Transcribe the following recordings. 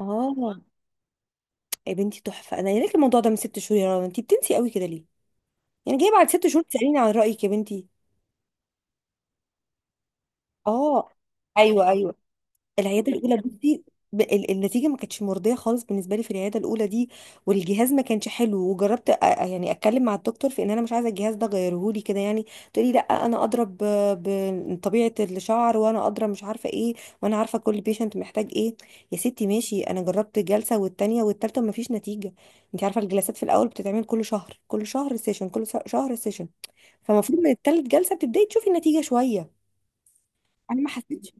اه، يا بنتي تحفه. انا قايله لك الموضوع ده من ست شهور يا رنا، انت بتنسي قوي كده ليه؟ يعني جايه بعد ست شهور تساليني عن رايك يا بنتي؟ اه، ايوه ايوه، العياده الاولى بصي، النتيجه ما كانتش مرضيه خالص بالنسبه لي في العياده الاولى دي، والجهاز ما كانش حلو. وجربت يعني اتكلم مع الدكتور في ان انا مش عايزه الجهاز ده، غيره لي كده يعني. تقولي لا، انا ادرى بطبيعه الشعر وانا ادرى مش عارفه ايه، وانا عارفه كل بيشنت محتاج ايه. يا ستي ماشي، انا جربت جلسه والتانيه والتالته وما فيش نتيجه. انت عارفه الجلسات في الاول بتتعمل كل شهر، كل شهر سيشن، كل شهر سيشن. فالمفروض من التالت جلسه بتبداي تشوفي النتيجه شويه. انا ما حسيتش.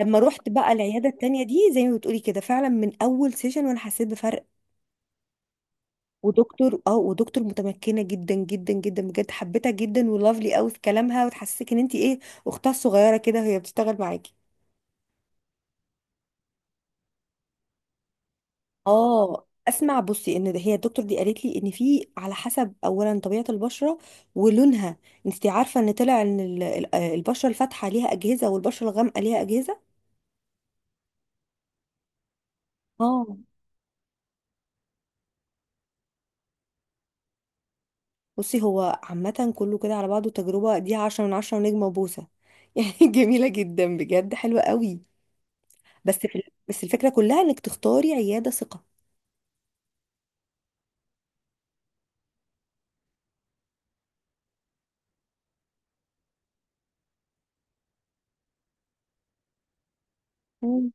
لما رحت بقى العياده التانيه دي زي ما بتقولي كده، فعلا من اول سيشن وانا حسيت بفرق. ودكتور متمكنه جدا جدا جدا بجد، حبيتها جدا، ولافلي قوي في كلامها وتحسسك ان انت ايه، اختها الصغيره كده وهي بتشتغل معاكي. اه، اسمع بصي، ان هي الدكتور دي قالت لي ان في على حسب، اولا طبيعه البشره ولونها. انت عارفه ان طلع ان البشره الفاتحه ليها اجهزه والبشره الغامقه ليها اجهزه. اه، بصي هو عامة كله كده على بعضه، تجربة دي عشرة من عشرة ونجمة وبوسة يعني جميلة جدا بجد، حلوة قوي. بس في، بس الفكرة كلها انك تختاري عيادة ثقة. مم.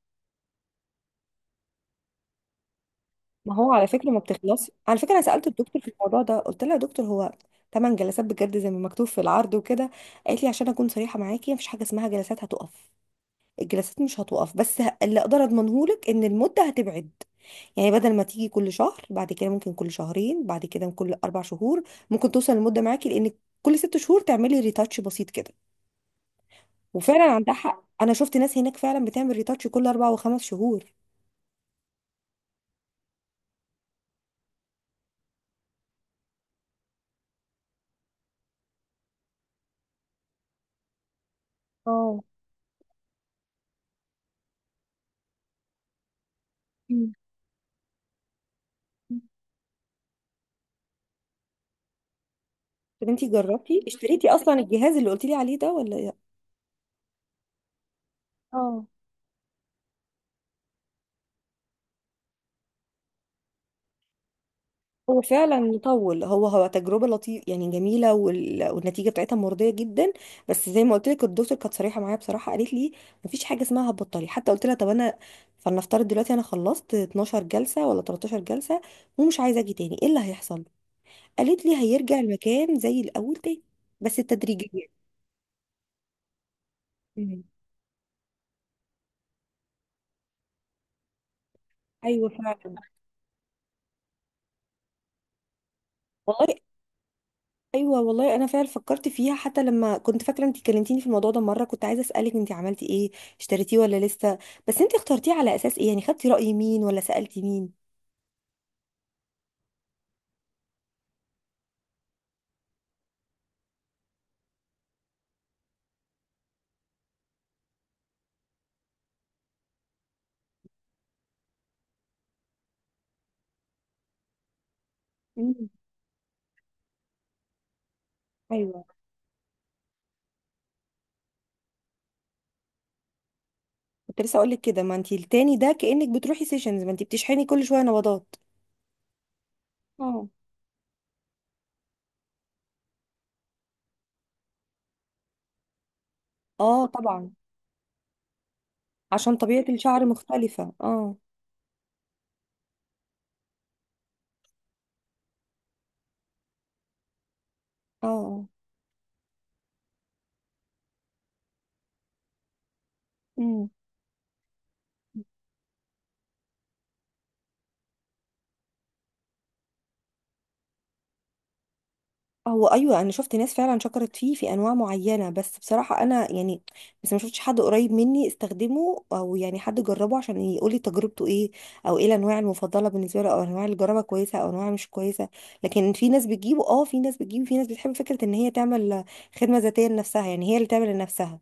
ما هو على فكرة ما بتخلص، على فكرة أنا سألت الدكتور في الموضوع ده، قلت لها يا دكتور، هو تمن جلسات بجد زي ما مكتوب في العرض وكده؟ قالت لي عشان أكون صريحة معاكي، مفيش حاجة اسمها جلسات هتقف، الجلسات مش هتقف، بس اللي أقدر أضمنهولك إن المدة هتبعد. يعني بدل ما تيجي كل شهر، بعد كده ممكن كل شهرين، بعد كده كل اربع شهور، ممكن توصل المده معاكي لان كل ست شهور تعملي ريتاتش بسيط كده. وفعلا عندها حق، انا شفت ناس هناك فعلا بتعمل ريتاتش كل اربع وخمس شهور. اه. مم. طب انتي جربتي اشتريتي اصلا الجهاز اللي قلتي لي عليه ده ولا لا؟ اه، هو فعلا يطول، هو هو تجربة لطيفة يعني جميلة، وال... والنتيجة بتاعتها مرضية جدا. بس زي ما قلت لك، الدكتور كانت صريحة معايا بصراحة، قالت لي مفيش حاجة اسمها هتبطلي. حتى قلت لها طب انا، فلنفترض دلوقتي انا خلصت 12 جلسة ولا 13 جلسة ومش عايزة اجي تاني، ايه اللي هيحصل؟ قالت لي هيرجع المكان زي الاول تاني، بس تدريجيا. مم. ايوه فعلا والله، ايوه والله انا فعلا فكرت فيها. حتى لما كنت فاكره انت كلمتيني في الموضوع ده مره، كنت عايزه اسالك انت عملتي ايه، اشتريتيه ولا لسه؟ بس انت اخترتيه على اساس ايه يعني، خدتي راي مين ولا سالتي مين؟ مم. ايوه، كنت لسه اقول لك كده، ما انت التاني ده كانك بتروحي سيشنز، ما انت بتشحني كل شويه نبضات. اه. اه طبعا، عشان طبيعه الشعر مختلفه، اه. اه آه. امم. هو ايوه، انا شفت ناس فعلا شكرت فيه في انواع معينه، بس بصراحه انا يعني، بس ما شفتش حد قريب مني استخدمه او يعني حد جربه عشان يقولي تجربته ايه، او ايه الانواع المفضله بالنسبه له، او انواع اللي جربها كويسه او انواع مش كويسه. لكن في ناس بتجيبه، اه في ناس بتجيبه، في ناس بتحب فكره ان هي تعمل خدمه ذاتيه لنفسها، يعني هي اللي تعمل لنفسها.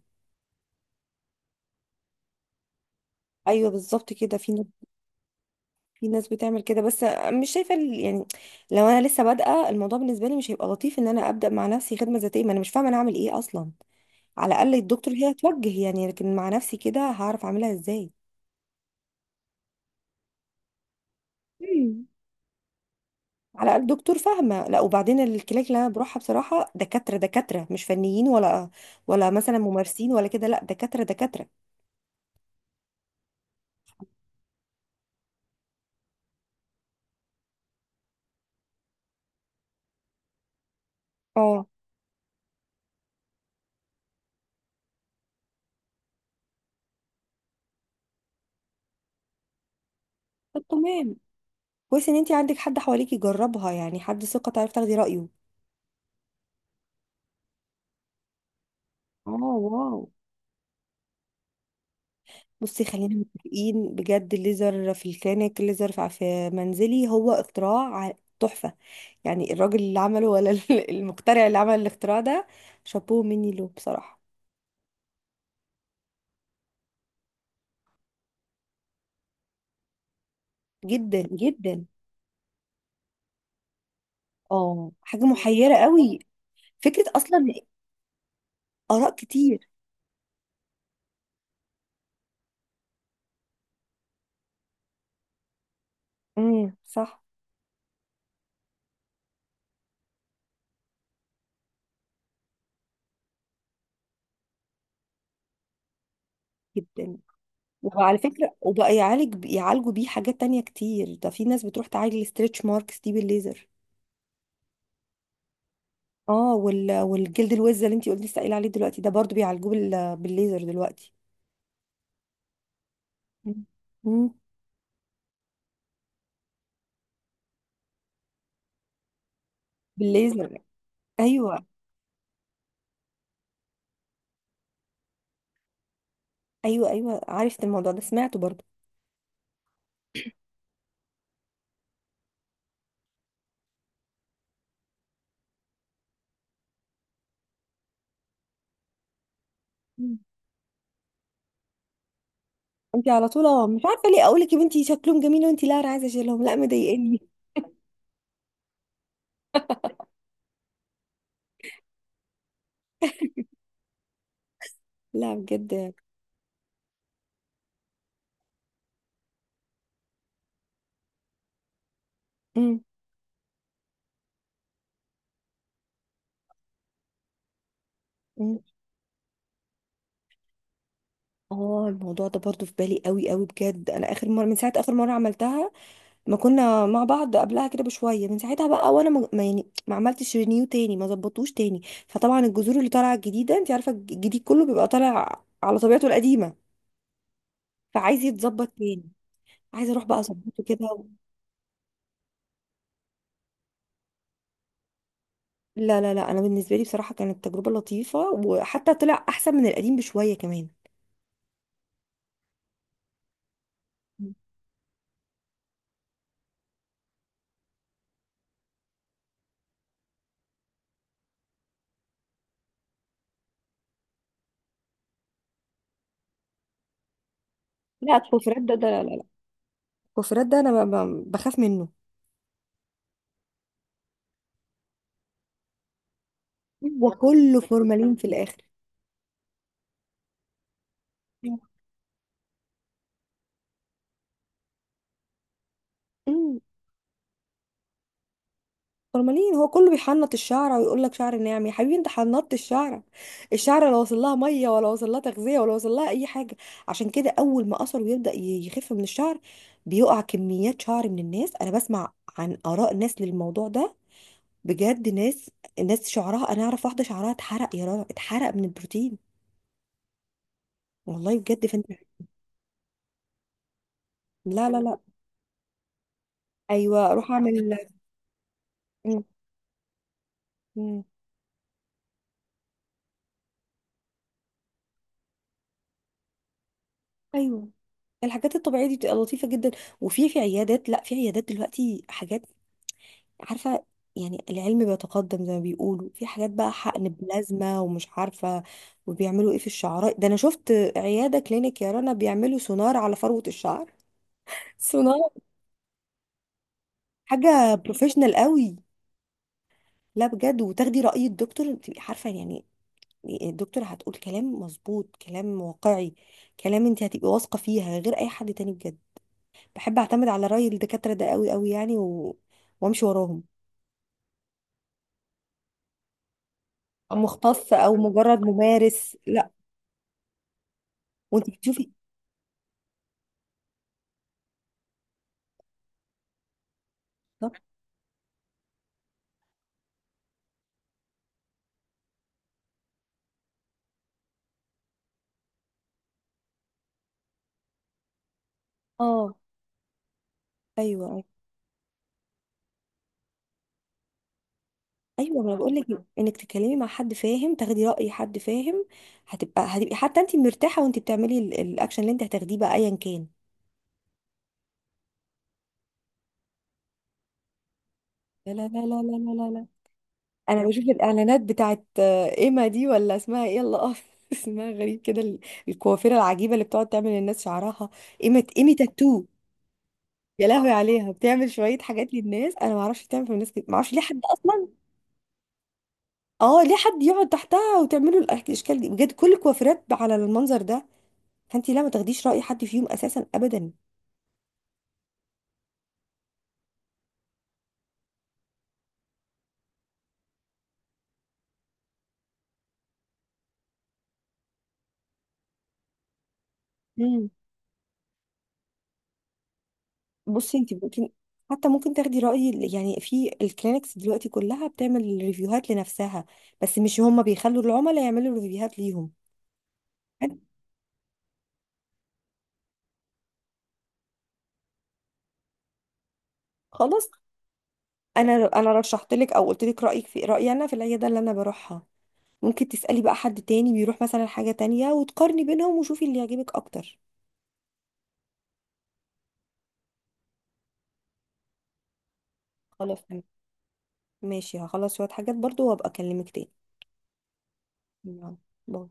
ايوه بالظبط كده، في ناس بتعمل كده، بس مش شايفه يعني، لو انا لسه بادئه الموضوع، بالنسبه لي مش هيبقى لطيف ان انا ابدا مع نفسي خدمه ذاتيه، ما انا مش فاهمه انا اعمل ايه اصلا. على الاقل الدكتور هي توجه يعني، لكن مع نفسي كده هعرف اعملها ازاي؟ مم. على الاقل دكتور فاهمه. لا وبعدين، الكلاك اللي انا بروحها بصراحه دكاتره دكاتره، مش فنيين ولا ولا مثلا ممارسين ولا كده، لا، دكاتره دكاتره. اه. طب تمام، كويس ان انت عندك حد حواليكي يجربها، يعني حد ثقه تعرف تاخدي رايه. اه. واو. بصي خلينا متفقين، بجد الليزر في الكلينيك، الليزر في في منزلي، هو اختراع، ع- تحفه. يعني الراجل اللي عمله ولا المخترع اللي عمل الاختراع ده، شابوه مني له بصراحة. جدا جدا. اه، حاجة محيرة قوي، فكرة اصلا، اراء كتير. صح. جدا. وعلى فكرة وبقى يعالجوا بيه حاجات تانية كتير. ده في ناس بتروح تعالج الستريتش ماركس دي بالليزر. اه، وال... والجلد الوز اللي انتي قلتي لسه قايله عليه دلوقتي، ده برضو بيعالجوه بال... بالليزر دلوقتي. مم. مم. بالليزر. ايوه. ايوه عرفت الموضوع ده، سمعته برضو. انت على طول، اه مش عارفه ليه، اقول لك يا بنتي شكلهم جميل وانت لا، انا عايزه اشيلهم لا مضايقني. لا بجد. امم. امم. اه، الموضوع ده برضو في بالي قوي قوي بجد. انا اخر مره، من ساعه اخر مره عملتها، ما كنا مع بعض قبلها كده بشويه، من ساعتها بقى وانا يعني ما عملتش رينيو تاني، ما ظبطوش تاني. فطبعا الجذور اللي طالعه الجديده، انت عارفه الجديد كله بيبقى طالع على طبيعته القديمه، فعايز يتظبط تاني. عايزه اروح بقى اظبطه كده. لا لا لا، انا بالنسبه لي بصراحه كانت تجربه لطيفه، وحتى طلع احسن من القديم بشويه كمان. لا، الكوفرات ده، ده لا لا لا. الكوفرات ده انا بخاف منه. هو كله فورمالين في الاخر. أمم، فورمالين. هو كله بيحنط الشعره ويقول لك شعر ناعم. يا حبيبي انت حنطت الشعره، الشعره لا وصل لها ميه ولا وصل لها تغذيه ولا وصل لها اي حاجه. عشان كده اول ما اثر ويبدا يخف من الشعر، بيقع كميات شعر من الناس. انا بسمع عن اراء ناس للموضوع ده بجد، ناس، ناس شعرها، انا اعرف واحده شعرها اتحرق يا رنا، اتحرق من البروتين والله بجد، فانت لا لا لا. ايوه، روح اعمل مم. ايوه، الحاجات الطبيعيه دي بتبقى لطيفه جدا. وفي، في عيادات، لا في عيادات دلوقتي حاجات، عارفه يعني، العلم بيتقدم زي ما بيقولوا، في حاجات بقى حقن بلازما ومش عارفه وبيعملوا ايه في الشعراء ده. انا شفت عياده كلينيك يا رنا بيعملوا سونار على فروه الشعر، سونار، حاجه بروفيشنال قوي. لا بجد، وتاخدي راي الدكتور تبقي عارفه يعني إيه، الدكتور هتقول كلام مظبوط، كلام واقعي، كلام انت هتبقي واثقه فيها غير اي حد تاني بجد. بحب اعتمد على رأي الدكاترة ده قوي قوي يعني، و... وامشي وراهم. أو مختص او مجرد ممارس، لا. وانت بتشوفي بالظبط. اه. ايوه ايوه ايوه ما انا بقول لك، انك تتكلمي مع حد فاهم، تاخدي رأي حد فاهم. هتبقى هتبقي حتى انت مرتاحة وانت بتعملي الاكشن اللي انت هتاخديه بقى ايا كان. لا لا لا لا لا لا لا. انا بشوف الاعلانات بتاعت ايما دي ولا اسمها ايه، الله أعرف. اسمها غريب كده، الكوافيره العجيبه اللي بتقعد تعمل للناس شعرها. ايما ايمي تاتو. يا لهوي عليها، بتعمل شوية حاجات للناس، أنا ما أعرفش بتعمل في الناس كده، ما أعرفش ليه حد أصلا، أه، ليه حد يقعد تحتها وتعمله الأشكال دي؟ بجد كل الكوافيرات على المنظر ده، فأنت لا، ما تاخديش رأي حد فيهم أساسا أبدا. امم. بصي أنت ممكن، حتى ممكن تاخدي رأي يعني، في الكلينكس دلوقتي كلها بتعمل ريفيوهات لنفسها، بس مش هما بيخلوا العملاء يعملوا ريفيوهات ليهم حلو؟ خلاص. أنا أنا رشحت لك أو قلت لك رأيك في رأيي أنا في العيادة اللي أنا بروحها. ممكن تسألي بقى حد تاني بيروح مثلا حاجة تانية، وتقارني بينهم وشوفي اللي يعجبك أكتر. خلاص تمام. ماشي، هخلص شوية حاجات برضو وأبقى أكلمك تاني. يلا. باي.